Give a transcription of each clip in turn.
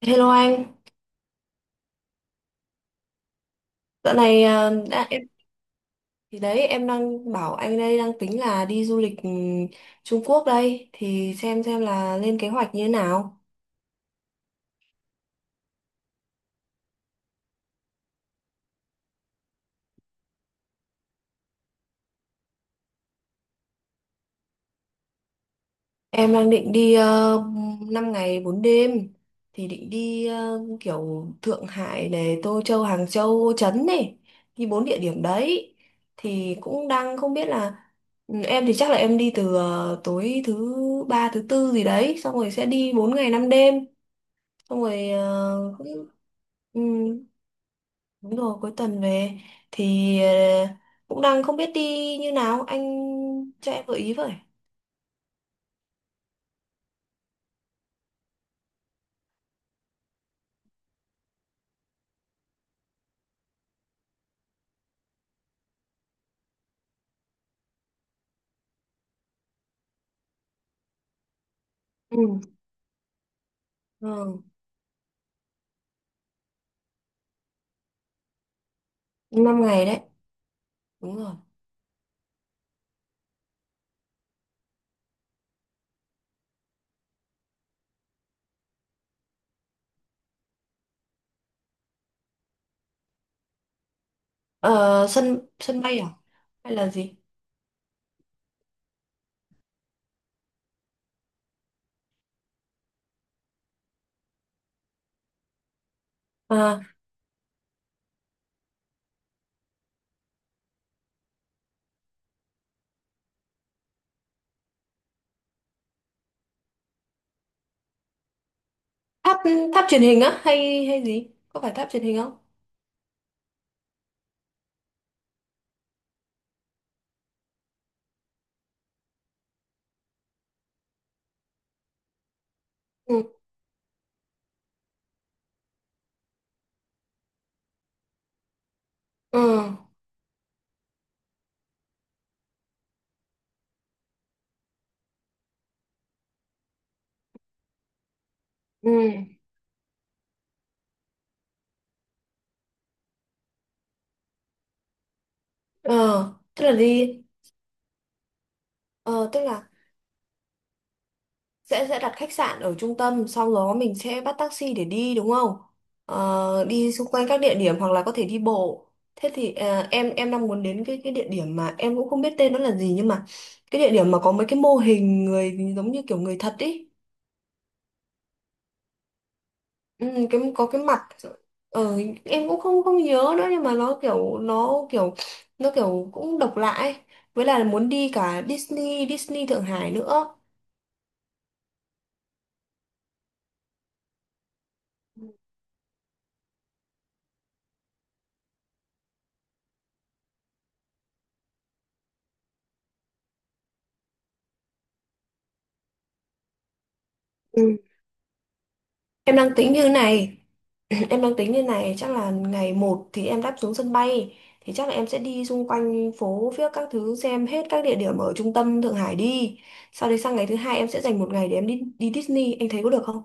Hello anh, dạo này à, đã, em thì đấy em đang bảo anh đây đang tính là đi du lịch Trung Quốc đây thì xem là lên kế hoạch như thế nào. Em đang định đi 5 ngày 4 đêm thì định đi kiểu Thượng Hải này, Tô Châu, Hàng Châu, Ô Trấn này, đi bốn địa điểm đấy thì cũng đang không biết là em thì chắc là em đi từ tối thứ ba thứ tư gì đấy xong rồi sẽ đi 4 ngày 5 đêm xong rồi cũng ừ, đúng rồi cuối tuần về thì ờ, cũng đang không biết đi như nào anh cho em gợi ý với ừ. Ừ. 5 ngày đấy, đúng rồi. Ờ, sân sân bay à, hay là gì? À, tháp tháp truyền hình á, hay hay gì, có phải tháp truyền hình không? Ừ. Ừ. Ừ. ờ tức là đi ờ tức là Sẽ đặt khách sạn ở trung tâm, sau đó mình sẽ bắt taxi để đi đúng không? Ờ, đi xung quanh các địa điểm hoặc là có thể đi bộ. Thế thì à, em đang muốn đến cái địa điểm mà em cũng không biết tên nó là gì, nhưng mà cái địa điểm mà có mấy cái mô hình người giống như kiểu người thật ý. Ừ, cái có cái mặt, ờ, em cũng không không nhớ nữa, nhưng mà nó kiểu, nó kiểu cũng độc lạ ấy. Với là muốn đi cả Disney Disney Thượng Hải nữa. Ừ. Em đang tính như thế này. Em đang tính như này, chắc là ngày một thì em đáp xuống sân bay, thì chắc là em sẽ đi xung quanh phố viếc các thứ, xem hết các địa điểm ở trung tâm Thượng Hải đi. Sau đấy sang ngày thứ hai em sẽ dành một ngày để em đi đi Disney, anh thấy có được không?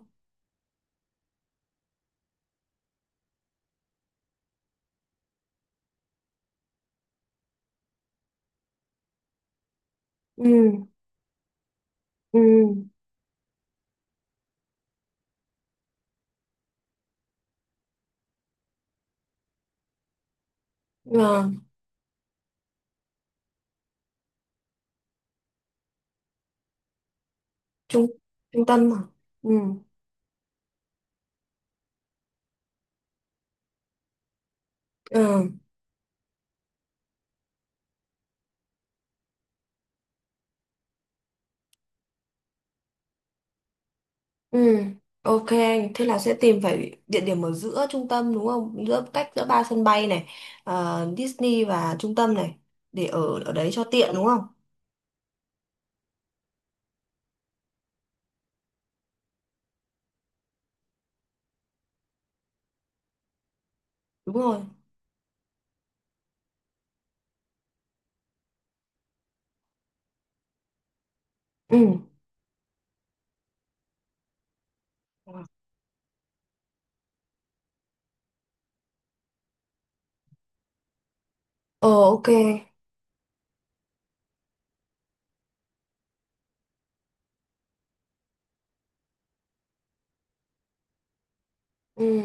Ừ. Ừ. Ờ, trung trung tâm mà. Ừ. Ờ. Ừ. Ok, thế là sẽ tìm phải địa điểm ở giữa trung tâm đúng không? Giữa cách giữa ba sân bay này, ờ, Disney và trung tâm này, để ở ở đấy cho tiện đúng không? Đúng rồi. Ừ. Ờ, ok. Ừ,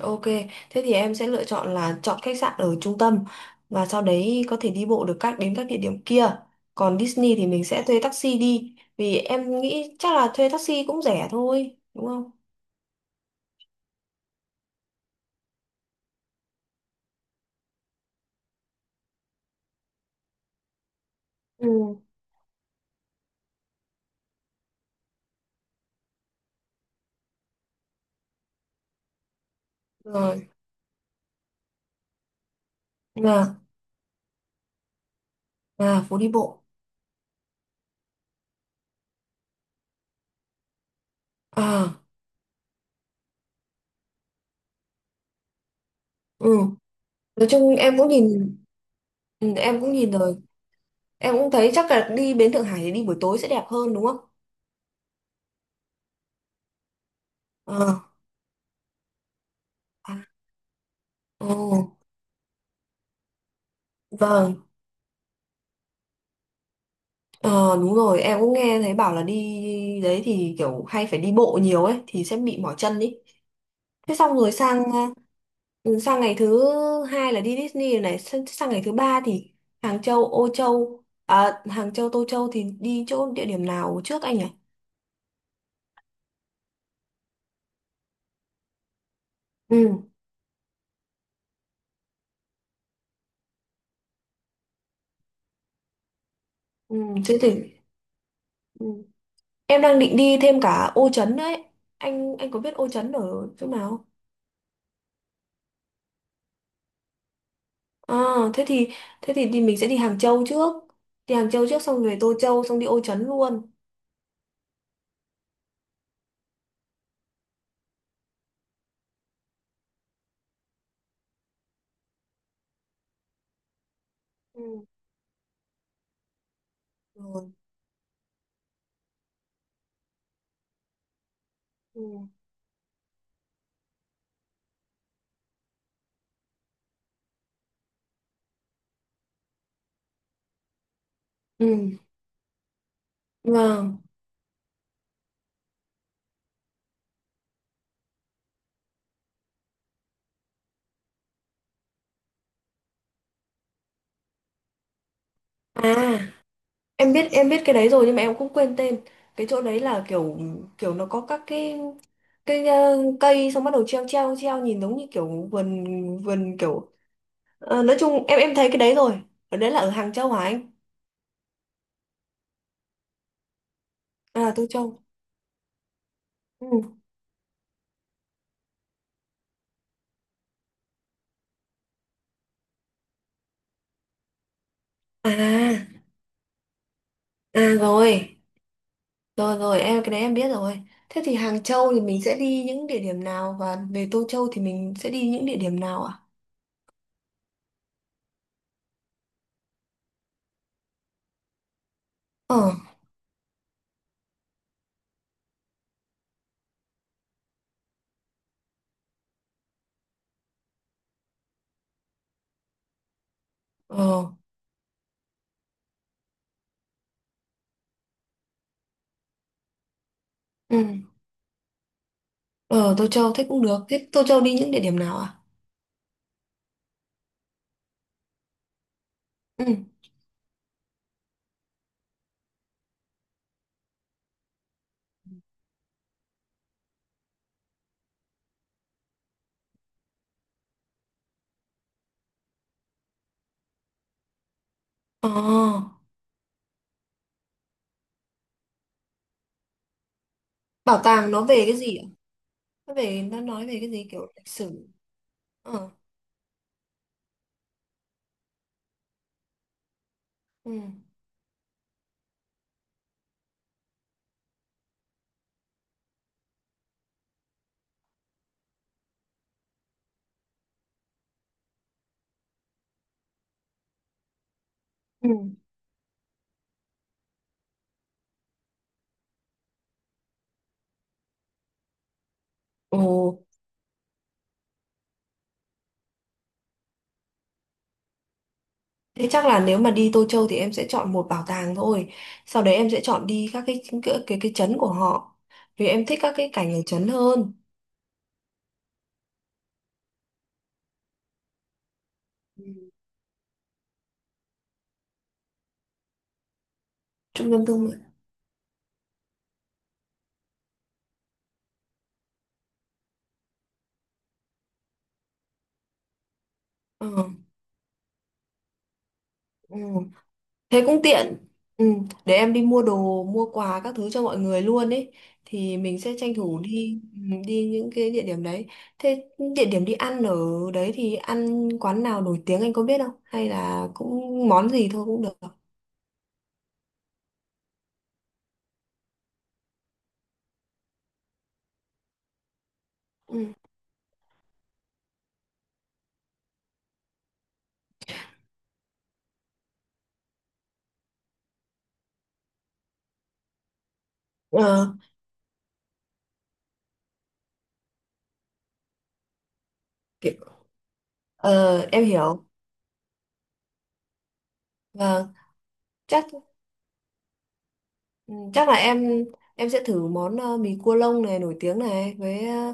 ok. Thế thì em sẽ lựa chọn là chọn khách sạn ở trung tâm, và sau đấy có thể đi bộ được các đến các địa điểm kia. Còn Disney thì mình sẽ thuê taxi đi, vì em nghĩ chắc là thuê taxi cũng rẻ thôi, đúng không? Ừ. Rồi, là là phố đi bộ. À, ừ. Nói chung em cũng nhìn, ừ, em cũng nhìn rồi. Em cũng thấy chắc là đi bến Thượng Hải thì đi buổi tối sẽ đẹp hơn đúng không? Ờ. À, ồ, vâng. Ờ, đúng rồi, em cũng nghe thấy bảo là đi đấy thì kiểu hay phải đi bộ nhiều ấy, thì sẽ bị mỏi chân ý. Thế xong rồi sang, ừ, sang ngày thứ hai là đi Disney rồi, này sang, sang ngày thứ ba thì Hàng Châu Ô Châu, à, Hàng Châu Tô Châu thì đi chỗ địa điểm nào trước anh nhỉ? Ừ. Ừ, thế thì ừ. Em đang định đi thêm cả Ô Trấn đấy, anh có biết Ô Trấn ở chỗ nào không? À, thế thì thế thì đi mình sẽ đi Hàng Châu trước, đi Hàng Châu trước xong về Tô Châu xong đi Ô Trấn luôn. Ừ. Rồi. Ừ. Ừ. Vâng. À, em biết cái đấy rồi nhưng mà em cũng quên tên. Cái chỗ đấy là kiểu, kiểu nó có các cái ờ, cây xong bắt đầu treo treo treo nhìn giống như kiểu vườn, vườn kiểu ờ, nói chung em thấy cái đấy rồi. Ở đấy là ở Hàng Châu hả anh? À, Tô Châu. Ừ. À, à rồi. Rồi em cái đấy em biết rồi. Thế thì Hàng Châu thì mình sẽ đi những địa điểm nào, và về Tô Châu thì mình sẽ đi những địa điểm nào ạ? Ờ. Ờ. Ừ. Ờ, Tô Châu thế cũng được. Thế Tô Châu đi những địa điểm nào à? Ừ. Ờ, bảo tàng nó về cái gì ạ? Nó về, nó nói về cái gì, kiểu lịch sử. Ờ. Ừ. Ừ. Ồ, thế chắc là nếu mà đi Tô Châu thì em sẽ chọn một bảo tàng thôi. Sau đấy em sẽ chọn đi các cái trấn của họ. Vì em thích các cái cảnh ở trấn hơn, trung tâm thương mại. Ờ. Ừ. Thế cũng tiện. Ừ, để em đi mua đồ, mua quà các thứ cho mọi người luôn ấy. Thì mình sẽ tranh thủ đi, ừ, đi những cái địa điểm đấy. Thế địa điểm đi ăn ở đấy thì ăn quán nào nổi tiếng anh có biết không? Hay là cũng món gì thôi cũng được. Ừ. Ờ, kiểu- ờ, em hiểu. Vâng, chắc chắc là em sẽ thử món ờ, mì cua lông này nổi tiếng này với ờ,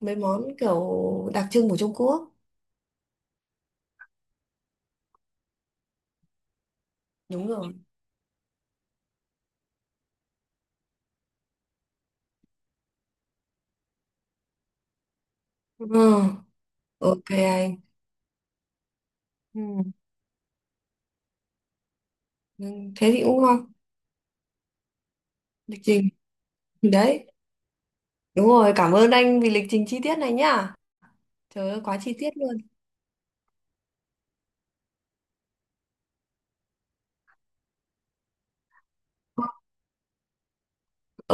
mấy món kiểu đặc trưng của Trung Quốc. Đúng rồi. Ừ, ok anh. Ừ. Ừ, thế thì cũng ngon. Lịch trình đấy. Đúng rồi, cảm ơn anh vì lịch trình chi tiết này nhá. Trời ơi, quá chi tiết luôn.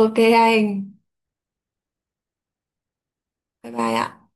Ok anh. Bye bye ạ.